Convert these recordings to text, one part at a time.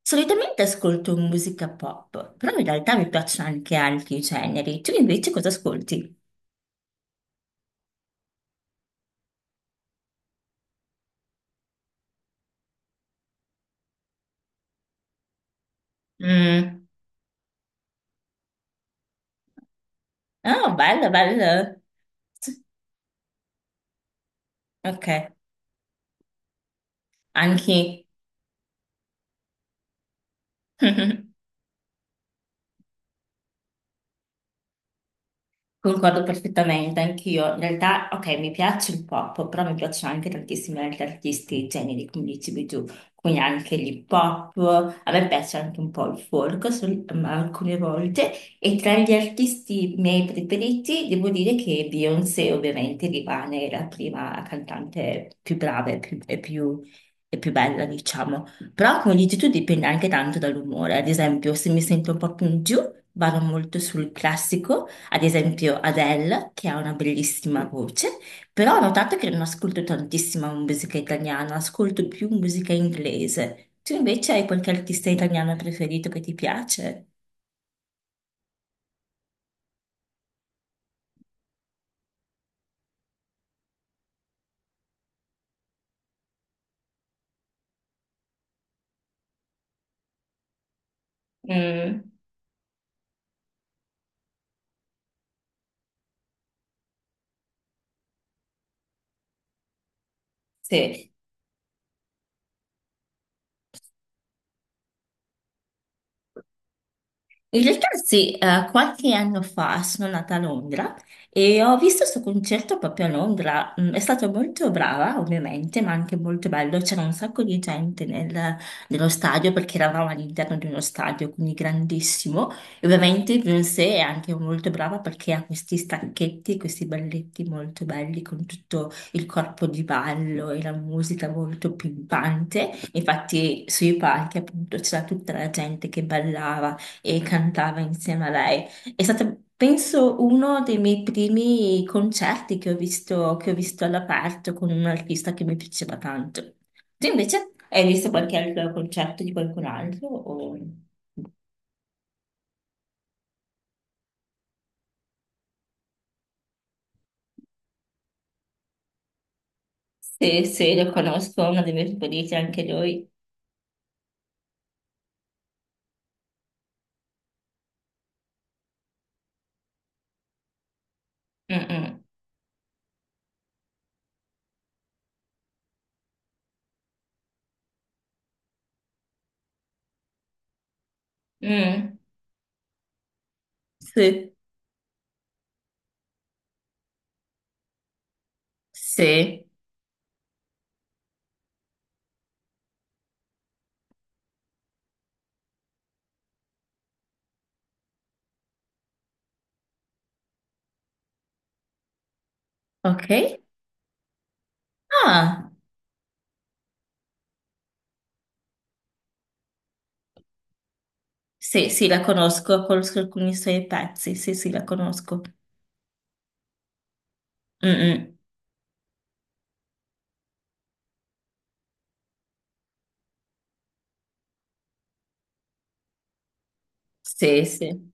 Solitamente ascolto musica pop, però in realtà mi piacciono anche altri generi. Tu invece cosa ascolti? Mm. Oh, bello, bello. Sì. Ok, anche. Concordo perfettamente, anch'io. In realtà, ok, mi piace il pop, però mi piacciono anche tantissimi altri artisti e generi, come dicevi tu, quindi anche l'hip hop. A me piace anche un po' il folk, ma alcune volte. E tra gli artisti miei preferiti, devo dire che Beyoncé ovviamente rimane la prima cantante più brava e più, e più bella, diciamo. Però, come dici tu, dipende anche tanto dall'umore. Ad esempio, se mi sento un po' più in giù, vado molto sul classico. Ad esempio Adele, che ha una bellissima voce, però ho notato che non ascolto tantissima musica italiana, ascolto più musica inglese. Tu invece hai qualche artista italiano preferito che ti piace? Mm, sì. In realtà sì, qualche anno fa sono nata a Londra e ho visto questo concerto proprio a Londra. Mm, è stata molto brava, ovviamente, ma anche molto bello. C'era un sacco di gente nello stadio perché eravamo all'interno di uno stadio, quindi grandissimo. E ovviamente Beyoncé è anche molto brava perché ha questi stacchetti, questi balletti molto belli con tutto il corpo di ballo e la musica molto pimpante. Infatti sui palchi appunto c'era tutta la gente che ballava e cantava insieme a lei. È stato, penso, uno dei miei primi concerti che ho visto, all'aperto con un artista che mi piaceva tanto. Tu invece hai visto qualche altro concerto di qualcun altro? O... Se lo conosco, uno dei miei favoriti, anche lui. Mm-mm. Mm. Sì, sì, ok. Ah, sì, sì, la conosco, conosco alcuni suoi pezzi, sì, sì, la conosco. Mm-mm. Sì, sì,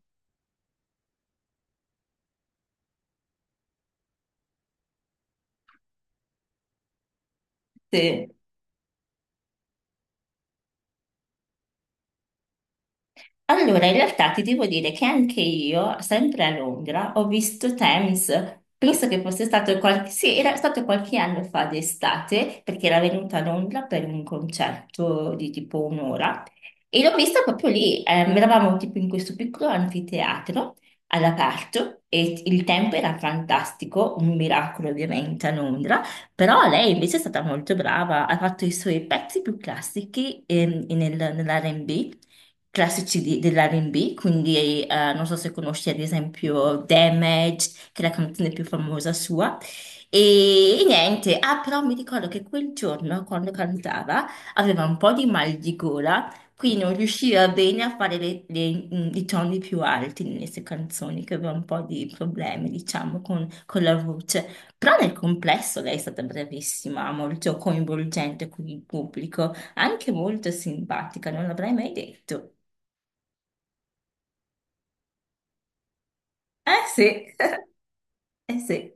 sì. Allora, in realtà ti devo dire che anche io, sempre a Londra, ho visto Thames. Penso che fosse stato qualche, sì, era stato qualche anno fa d'estate, perché era venuta a Londra per un concerto di tipo un'ora. E l'ho vista proprio lì, eravamo tipo in questo piccolo anfiteatro all'aperto e il tempo era fantastico, un miracolo ovviamente a Londra, però lei invece è stata molto brava, ha fatto i suoi pezzi più classici nell'R&B, dell'R&B, quindi non so se conosci ad esempio Damage, che è la canzone più famosa sua, e niente, ah però mi ricordo che quel giorno quando cantava aveva un po' di mal di gola. Qui non riusciva bene a fare i toni più alti nelle sue canzoni, che aveva un po' di problemi, diciamo, con la voce. Però nel complesso lei è stata bravissima, molto coinvolgente con il pubblico, anche molto simpatica, non l'avrei mai detto. Eh sì, eh sì.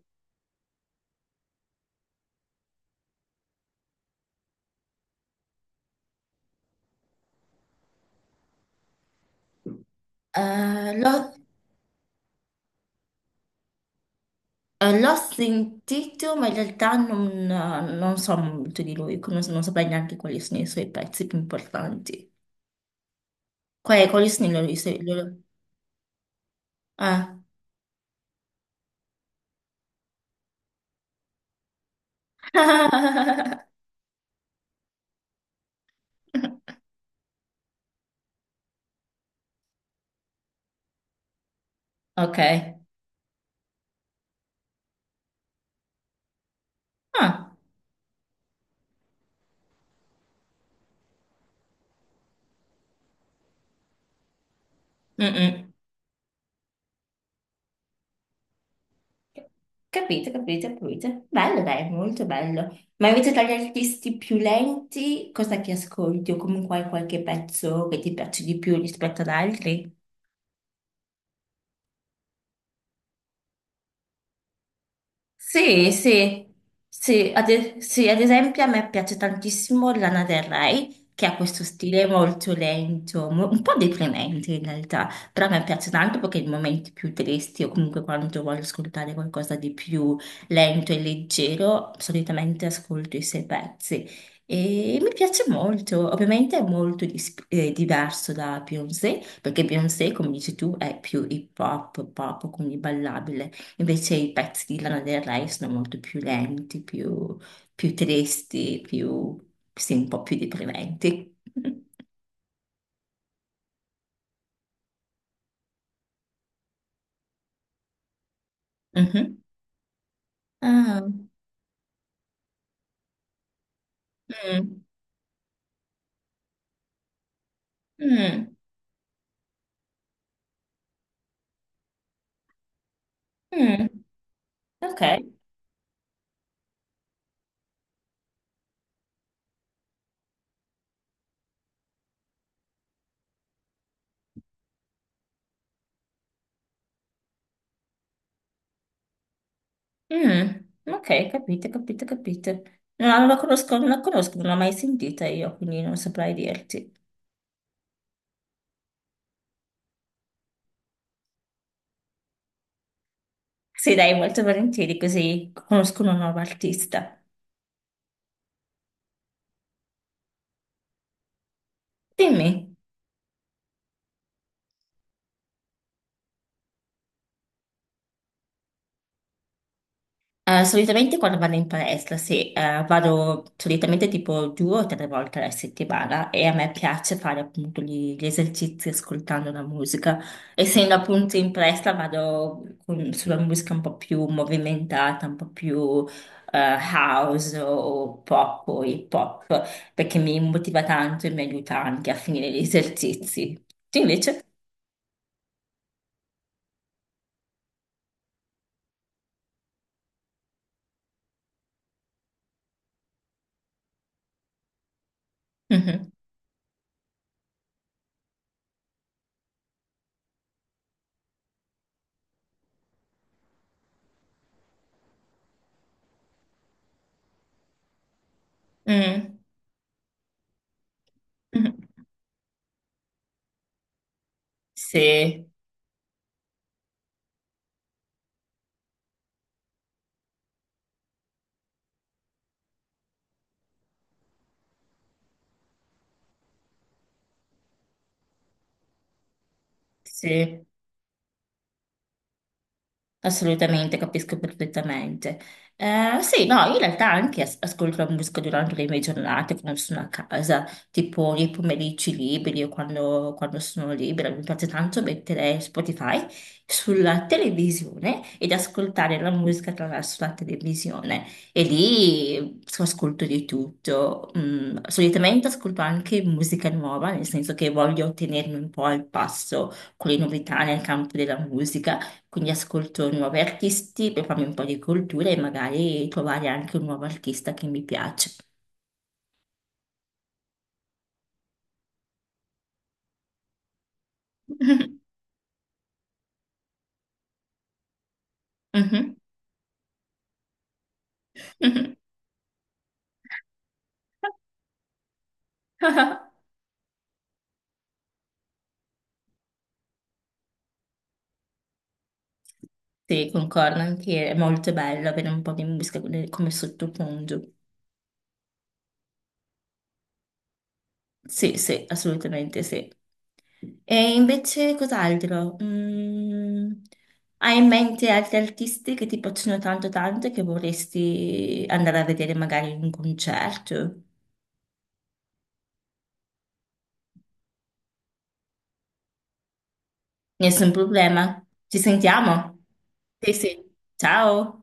Eh, l'ho eh, l'ho sentito, ma in realtà non, non so molto di lui, non, non saprei neanche quali sono i suoi pezzi più importanti. Quali sono i loro- i suoi- i loro- Ah. Ok. Ah. Mm-mm. Capito, capito, capito. Bello, dai, molto bello. Ma invece tra gli artisti più lenti, cosa che ascolti? O comunque hai qualche pezzo che ti piace di più rispetto ad altri? Sì, sì, sì, ad esempio a me piace tantissimo Lana Del Rey, che ha questo stile molto lento, un po' deprimente in realtà, però a me piace tanto perché in momenti più tristi o comunque quando voglio ascoltare qualcosa di più lento e leggero, solitamente ascolto i suoi pezzi e mi piace molto, ovviamente è molto diverso da Beyoncé, perché Beyoncé, come dici tu, è più hip hop, pop, quindi ballabile. Invece i pezzi di Lana Del Rey sono molto più lenti, più, più tristi, più, sì, un po' più deprimenti. Mhm. Ah, mm, mm, mm. Ok, mm, ok, capite, capite, capite. No, non la conosco, non la conosco, non l'ho mai sentita io, quindi non saprei dirti. Sì, dai, molto volentieri, così conosco una nuova artista. Dimmi. Solitamente quando vado in palestra, sì, vado solitamente tipo due o tre volte alla settimana e a me piace fare appunto gli esercizi ascoltando la musica. Essendo appunto in palestra sulla musica un po' più movimentata, un po' più eh, house o pop o hip hop, perché mi motiva tanto e mi aiuta anche a finire gli esercizi. Tu invece? Mhm. Mm. Mhm. Sì, sì. Assolutamente, capisco perfettamente. Sì, no, in realtà anche ascolto la musica durante le mie giornate quando sono a casa, tipo nei pomeriggi liberi o quando sono libera. Mi piace tanto mettere Spotify sulla televisione ed ascoltare la musica attraverso la televisione. E lì ascolto di tutto. Mm, solitamente ascolto anche musica nuova, nel senso che voglio tenermi un po' al passo con le novità nel campo della musica, quindi ascolto nuovi artisti per farmi un po' di cultura e magari trovare anche un nuovo artista che mi piace. Mhm, mhm. Sì, concordo anche, è molto bello avere un po' di musica come come sottofondo. Sì, sì, assolutamente sì. E invece cos'altro? Mm, hai in mente altri artisti che ti piacciono tanto tanto e che vorresti andare a vedere magari in un concerto? Nessun problema. Ci sentiamo? Sì, sì. Ciao.